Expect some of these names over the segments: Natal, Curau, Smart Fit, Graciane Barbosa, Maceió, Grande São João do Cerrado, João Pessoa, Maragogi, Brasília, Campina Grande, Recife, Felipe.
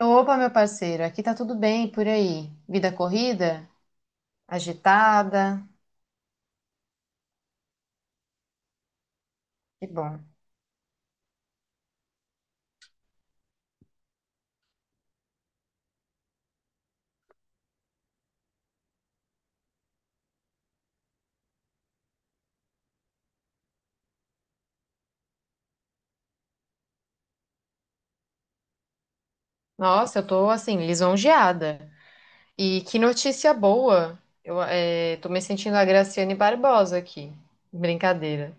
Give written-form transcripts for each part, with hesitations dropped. Opa, meu parceiro, aqui tá tudo bem por aí? Vida corrida? Agitada? Que bom. Nossa, eu tô assim, lisonjeada. E que notícia boa! Eu tô me sentindo a Graciane Barbosa aqui. Brincadeira.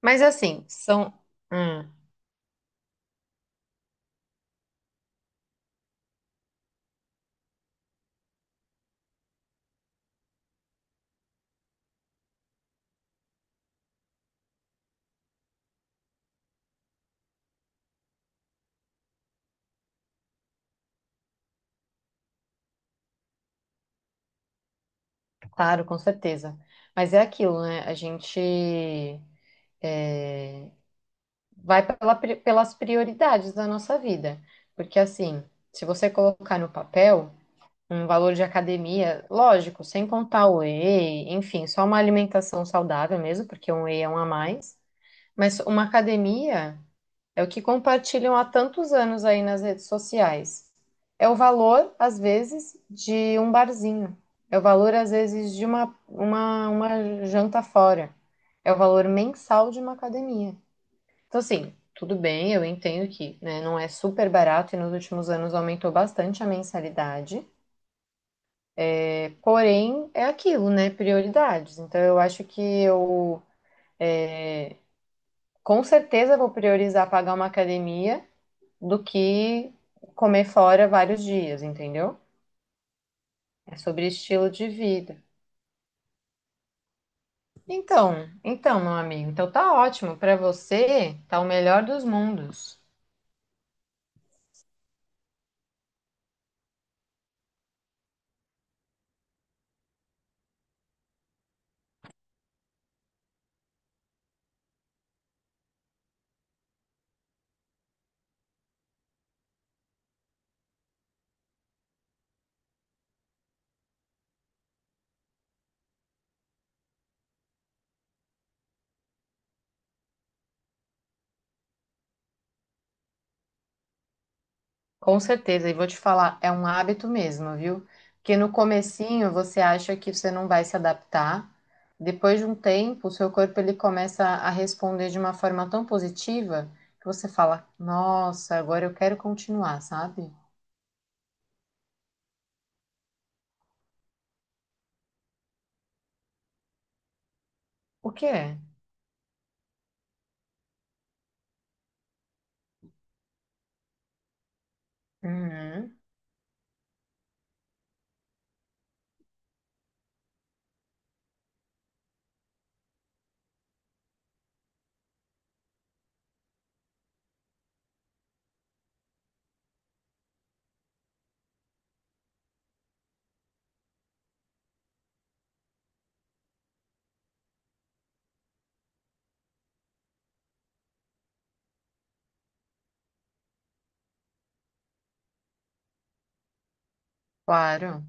Mas assim, são. Hum, claro, com certeza. Mas é aquilo, né? A gente eh, vai pelas prioridades da nossa vida. Porque assim, se você colocar no papel, um valor de academia, lógico, sem contar o whey, enfim, só uma alimentação saudável mesmo, porque um whey é um a mais, mas uma academia é o que compartilham há tantos anos aí nas redes sociais. É o valor, às vezes, de um barzinho. É o valor, às vezes, de uma, uma janta fora. É o valor mensal de uma academia. Então, assim, tudo bem, eu entendo que, né, não é super barato e nos últimos anos aumentou bastante a mensalidade. Porém, é aquilo, né? Prioridades. Então, eu acho que é, com certeza vou priorizar pagar uma academia do que comer fora vários dias, entendeu? É sobre estilo de vida. Então, então, meu amigo, então tá ótimo. Pra você, tá o melhor dos mundos. Com certeza, e vou te falar, é um hábito mesmo, viu? Porque no comecinho você acha que você não vai se adaptar, depois de um tempo, o seu corpo ele começa a responder de uma forma tão positiva que você fala: "Nossa, agora eu quero continuar", sabe? O quê? Uhum, claro.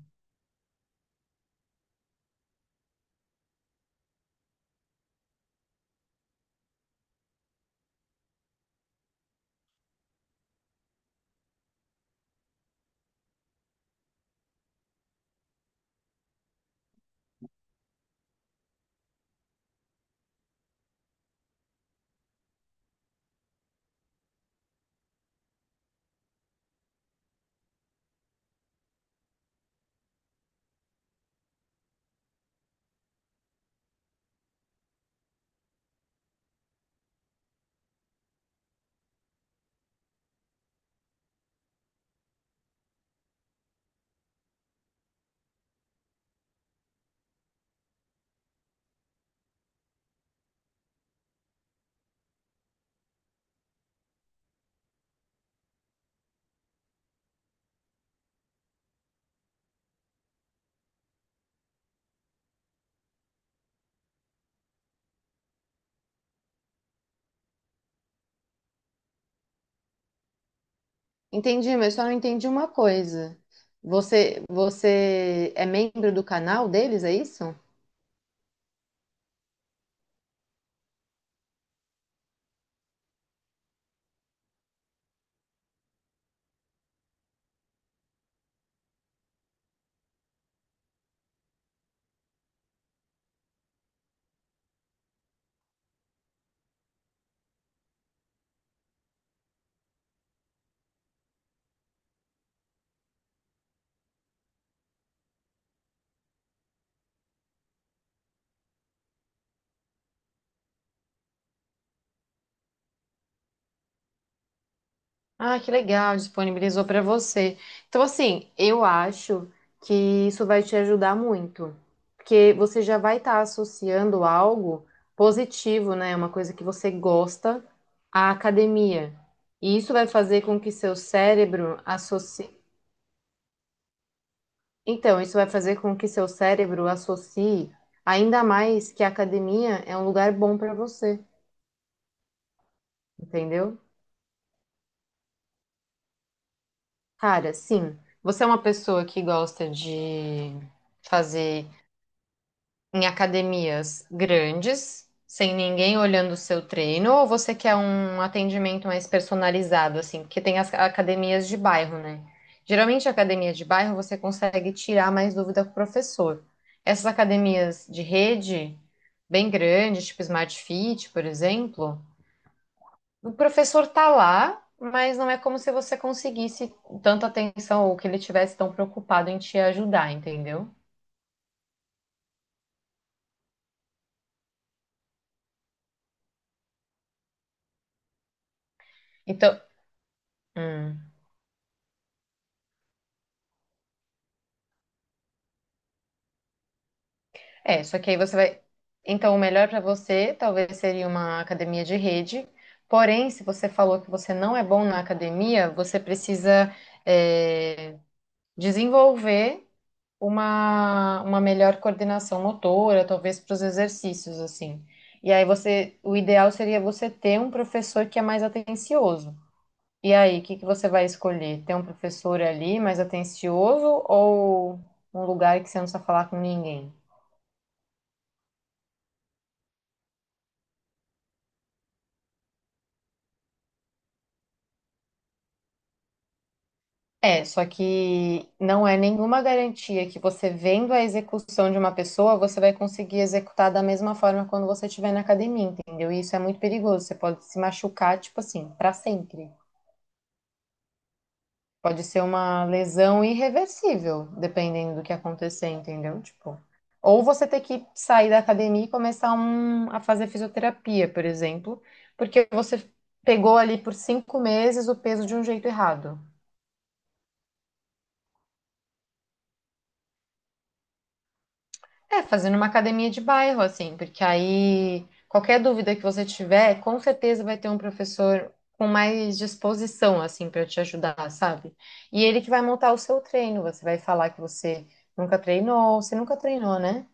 Entendi, mas só não entendi uma coisa. Você é membro do canal deles, é isso? Ah, que legal, disponibilizou para você. Então, assim, eu acho que isso vai te ajudar muito, porque você já vai estar associando algo positivo, né? Uma coisa que você gosta à academia. E isso vai fazer com que seu cérebro associe. Então, isso vai fazer com que seu cérebro associe ainda mais que a academia é um lugar bom para você, entendeu? Cara, sim, você é uma pessoa que gosta de fazer em academias grandes, sem ninguém olhando o seu treino, ou você quer um atendimento mais personalizado, assim? Porque tem as academias de bairro, né? Geralmente, a academia de bairro você consegue tirar mais dúvida com o professor. Essas academias de rede, bem grandes, tipo Smart Fit, por exemplo, o professor tá lá, mas não é como se você conseguisse tanta atenção ou que ele tivesse tão preocupado em te ajudar, entendeu? Então, hum. É, só que aí você vai. Então, o melhor para você talvez seria uma academia de rede. Porém, se você falou que você não é bom na academia, você precisa, é, desenvolver uma melhor coordenação motora, talvez para os exercícios, assim. E aí você, o ideal seria você ter um professor que é mais atencioso. E aí, o que que você vai escolher? Ter um professor ali mais atencioso ou um lugar que você não precisa falar com ninguém? É, só que não é nenhuma garantia que você vendo a execução de uma pessoa, você vai conseguir executar da mesma forma quando você estiver na academia, entendeu? E isso é muito perigoso. Você pode se machucar, tipo assim, pra sempre. Pode ser uma lesão irreversível, dependendo do que acontecer, entendeu? Tipo, ou você ter que sair da academia e a fazer fisioterapia, por exemplo, porque você pegou ali por 5 meses o peso de um jeito errado. É, fazendo uma academia de bairro, assim, porque aí qualquer dúvida que você tiver, com certeza vai ter um professor com mais disposição, assim, para te ajudar, sabe? E ele que vai montar o seu treino. Você vai falar que você nunca treinou, né?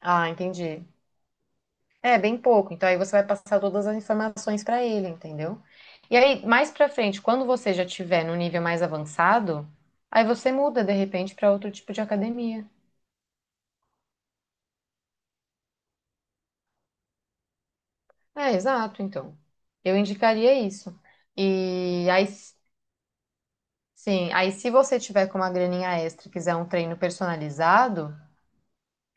Ah, entendi. É, bem pouco. Então aí você vai passar todas as informações para ele, entendeu? E aí, mais para frente, quando você já tiver no nível mais avançado, aí você muda de repente para outro tipo de academia. É, exato, então. Eu indicaria isso. E aí, sim, aí se você tiver com uma graninha extra, e quiser um treino personalizado,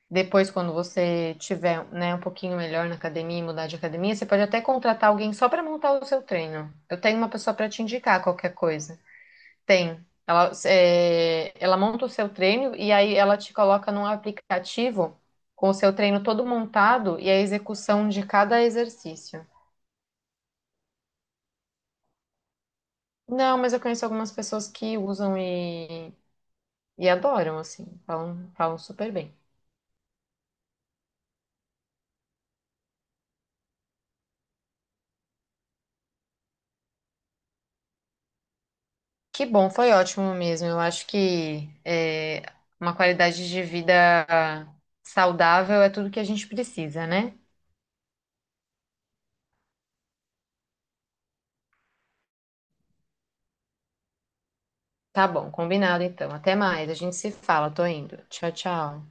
depois quando você tiver, né, um pouquinho melhor na academia, e mudar de academia, você pode até contratar alguém só para montar o seu treino. Eu tenho uma pessoa para te indicar qualquer coisa. Tem. Ela monta o seu treino e aí ela te coloca num aplicativo com o seu treino todo montado e a execução de cada exercício. Não, mas eu conheço algumas pessoas que usam e adoram, assim, falam super bem. Que bom, foi ótimo mesmo. Eu acho que uma qualidade de vida saudável é tudo que a gente precisa, né? Tá bom, combinado então. Até mais, a gente se fala, tô indo. Tchau, tchau.